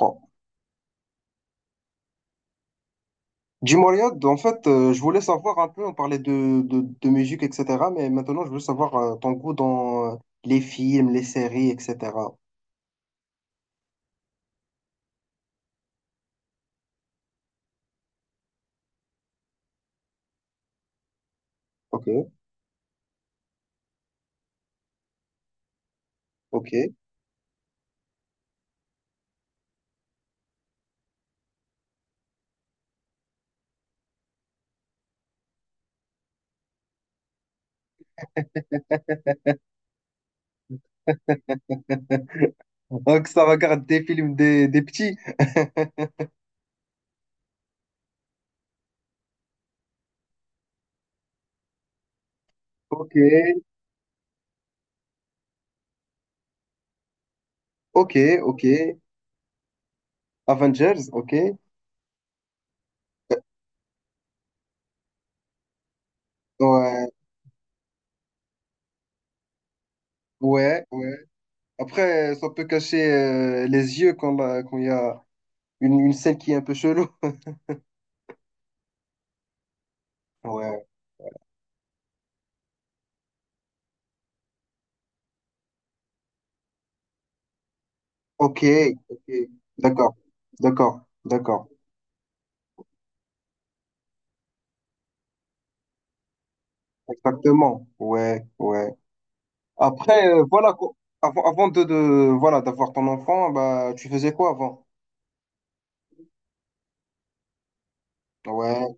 Oh. Dis-moi, Riyad, en fait, je voulais savoir un peu, on parlait de musique, etc. Mais maintenant, je veux savoir ton goût dans les films, les séries, etc. Ok, ok. Donc, ça regarde des films des petits. Ok, ok, ok. Avengers, ok. Ouais, ouais, ouais. Après, ça peut cacher les yeux quand quand il y a une scène qui est un peu chelou. Ouais, ok, ok. D'accord, d'accord, d'accord. Exactement. Ouais, ouais. Après, voilà, quoi. Avant voilà, d'avoir ton enfant, bah, tu faisais quoi avant? Ouais,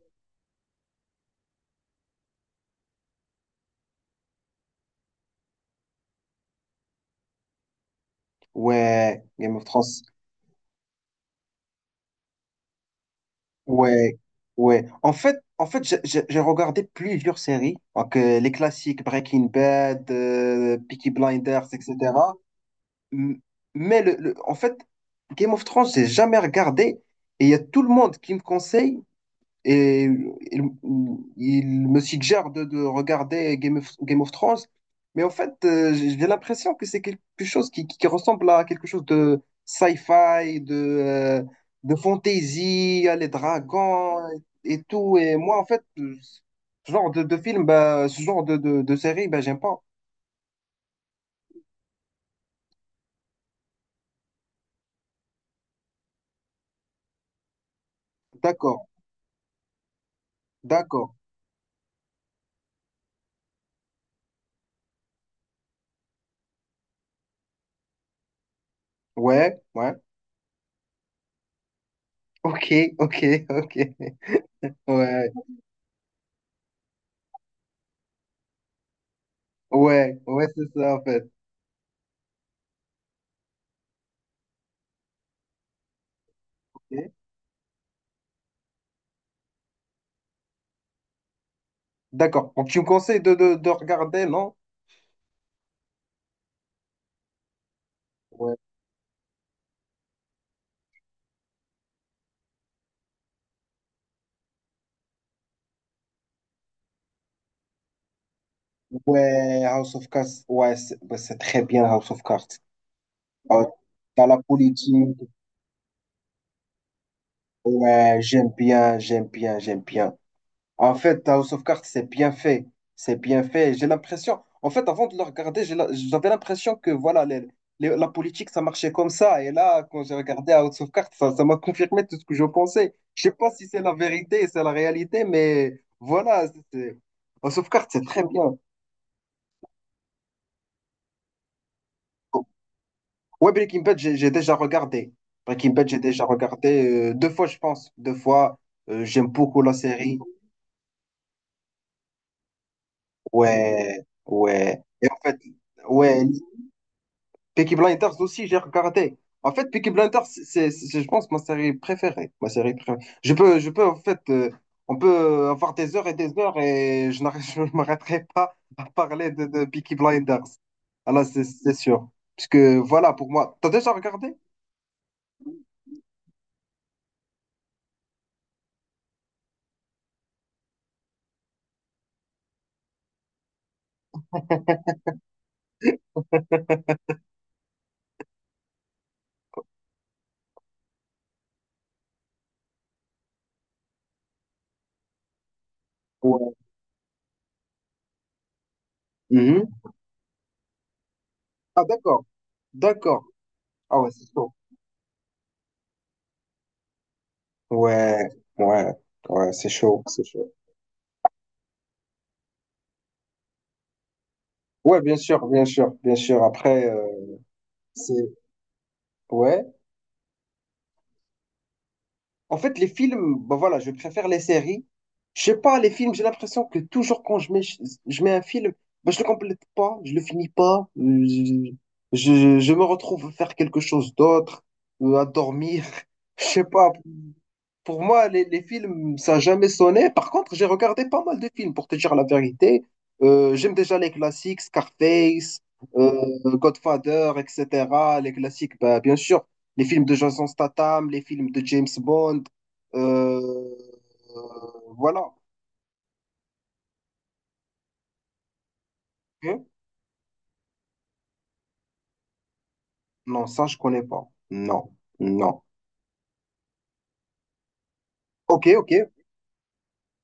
ouais, Game of Thrones. Ouais, ouais. En fait, j'ai regardé plusieurs séries, donc, les classiques Breaking Bad, Peaky Blinders, etc. M- Mais en fait, Game of Thrones, j'ai jamais regardé et il y a tout le monde qui me conseille. Et il, il me suggère de regarder Game of Thrones. Mais en fait, j'ai l'impression que c'est quelque chose qui ressemble à quelque chose de sci-fi, de fantasy, à les dragons et tout. Et moi, en fait, ce genre de film, bah, ce genre de série, bah, j'aime pas. D'accord, d'accord. Ouais, ouais. Ok, ok, ok. Ouais, ouais, ouais, c'est ça, en fait. Ok. D'accord. Donc, tu me conseilles de regarder, non? Ouais. House of Cards, ouais, c'est bah, c'est très bien House of Cards. Euh, dans la politique, ouais, j'aime bien, j'aime bien, j'aime bien. En fait, House of Cards, c'est bien fait. C'est bien fait. J'ai l'impression, en fait, avant de le regarder, j'avais l'impression que voilà, la politique, ça marchait comme ça. Et là, quand j'ai regardé House of Cards, ça m'a confirmé tout ce que je pensais. Je sais pas si c'est la vérité, c'est la réalité, mais voilà. House of Cards, c'est très bien. Ouais, Breaking Bad, j'ai déjà regardé. Breaking Bad, j'ai déjà regardé deux fois, je pense. Deux fois. J'aime beaucoup la série. Ouais, ouais. Et en fait, ouais, Peaky Blinders aussi, j'ai regardé. En fait, Peaky Blinders, c'est, je pense, ma série préférée. Ma série préférée. Je peux, en fait, on peut avoir des heures et je ne m'arrêterai pas à parler de Peaky Blinders. Alors, c'est sûr. Parce que, voilà, pour moi, t'as déjà regardé? Ouais. Mhm. Ah, d'accord, d'accord. Ah ouais, c'est chaud. Ouais, ouais, ouais, c'est chaud, c'est chaud. Ouais, bien sûr, bien sûr, bien sûr. Après, c'est. Ouais. En fait, les films, bah voilà, je préfère les séries. Je sais pas, les films, j'ai l'impression que toujours quand je mets un film, bah, je le complète pas, je le finis pas. Je me retrouve à faire quelque chose d'autre, à dormir. Je sais pas. Pour moi, les films, ça n'a jamais sonné. Par contre, j'ai regardé pas mal de films, pour te dire la vérité. J'aime déjà les classiques, Scarface, Godfather, etc. Les classiques, bah, bien sûr. Les films de Jason Statham, les films de James Bond. Euh, euh, voilà. Ok. Non, ça, je connais pas. Non, non. Ok, ok,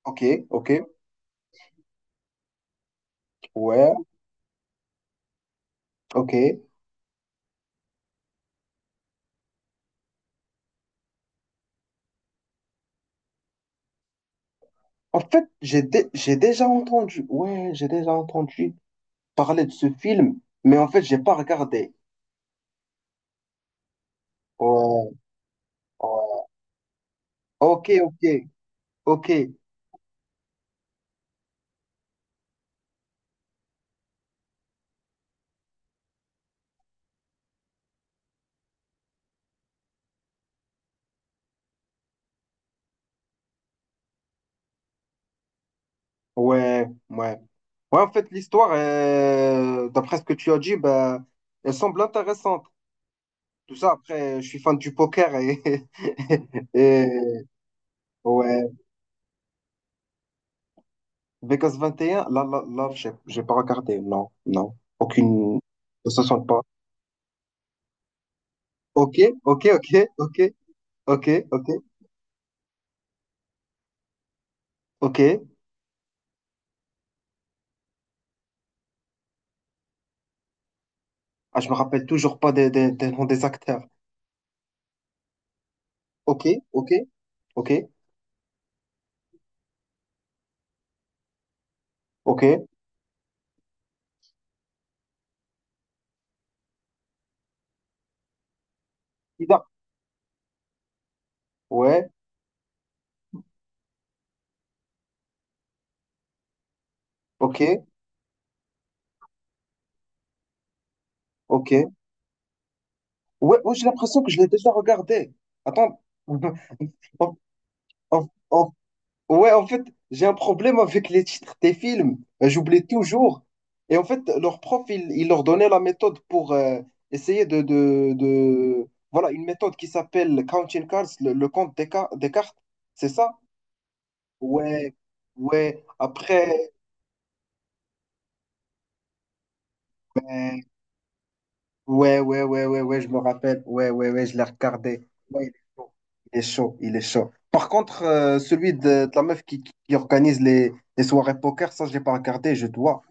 ok, ok. Ouais, ok. En fait, j'ai déjà entendu. Ouais, j'ai déjà entendu parler de ce film, mais en fait, j'ai pas regardé. Ouais, ouais. Ok, ok, ok. Ouais, ouais. Ouais, en fait, l'histoire, d'après ce que tu as dit, bah, elle semble intéressante. Tout ça, après, je suis fan du poker et, et ouais. Vegas 21, là, j'ai pas regardé. Non, non. Aucune. Ne se sent pas. Ok, ok, ok, ok, ok, ok, ok. Ah, je me rappelle toujours pas des noms des acteurs. Ok, ok, ok. Ok. Ida. Ouais. Ok. Ok. Ouais, ouais, j'ai l'impression que je l'ai déjà regardé. Attends. En- en- en- Ouais, en fait, j'ai un problème avec les titres des films. J'oublie toujours. Et en fait, leur prof, il leur donnait la méthode pour essayer voilà, une méthode qui s'appelle Counting Cards, le compte des cartes. C'est ça? Ouais. Ouais. Après. Ben, ouais, ouais, ouais, ouais, ouais, je me rappelle. Ouais, ouais, ouais, je l'ai regardé. Ouais, il est chaud, il est chaud. Il est chaud. Par contre, celui de la meuf qui organise les soirées poker, ça, je l'ai pas regardé, je dois.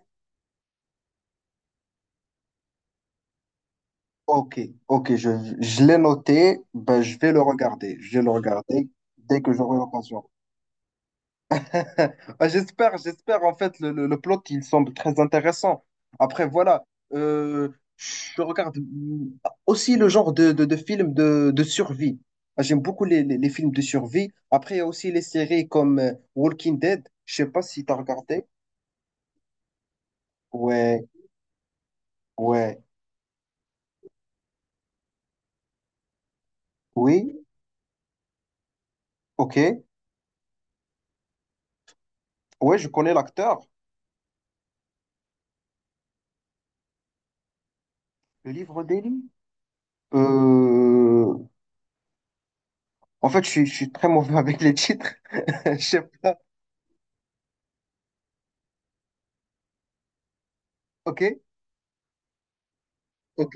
Ok, ok, je l'ai noté, ben, je vais le regarder. Je vais le regarder dès que j'aurai l'occasion. Ah, j'espère en fait le plot il semble très intéressant. Après voilà, euh, je regarde aussi le genre de films de survie. Ah, j'aime beaucoup les films de survie. Après il y a aussi les séries comme Walking Dead. Je sais pas si t'as regardé. Ouais, ouais, oui, ok. Ouais, je connais l'acteur. Le livre d'Eli. Euh... En fait, je suis très mauvais avec les titres. Je sais pas. Ok, ok.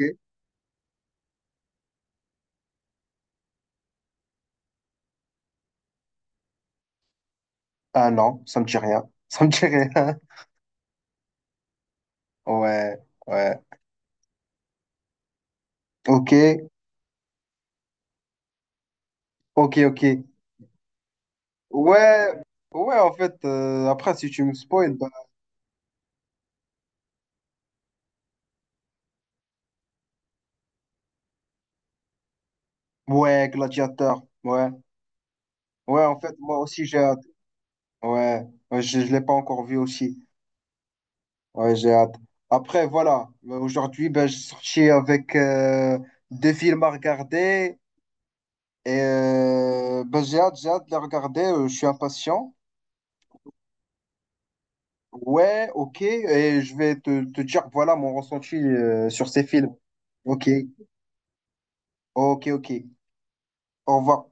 Ah non, ça me dit rien. Ça me dit rien. Ouais, ouais. Ok, ok, ok. Ouais, ouais, en fait, après, si tu me spoil, bah, ouais, Gladiator. Ouais, ouais, en fait, moi aussi, j'ai hâte. Ouais, ouais, je ne l'ai pas encore vu aussi. Ouais, j'ai hâte. Après, voilà, aujourd'hui, ben, je suis sorti avec deux films à regarder. Et ben, j'ai hâte de les regarder. Je suis impatient. Ouais, ok. Et je vais te dire, voilà, mon ressenti sur ces films. Ok, ok, ok. Au revoir.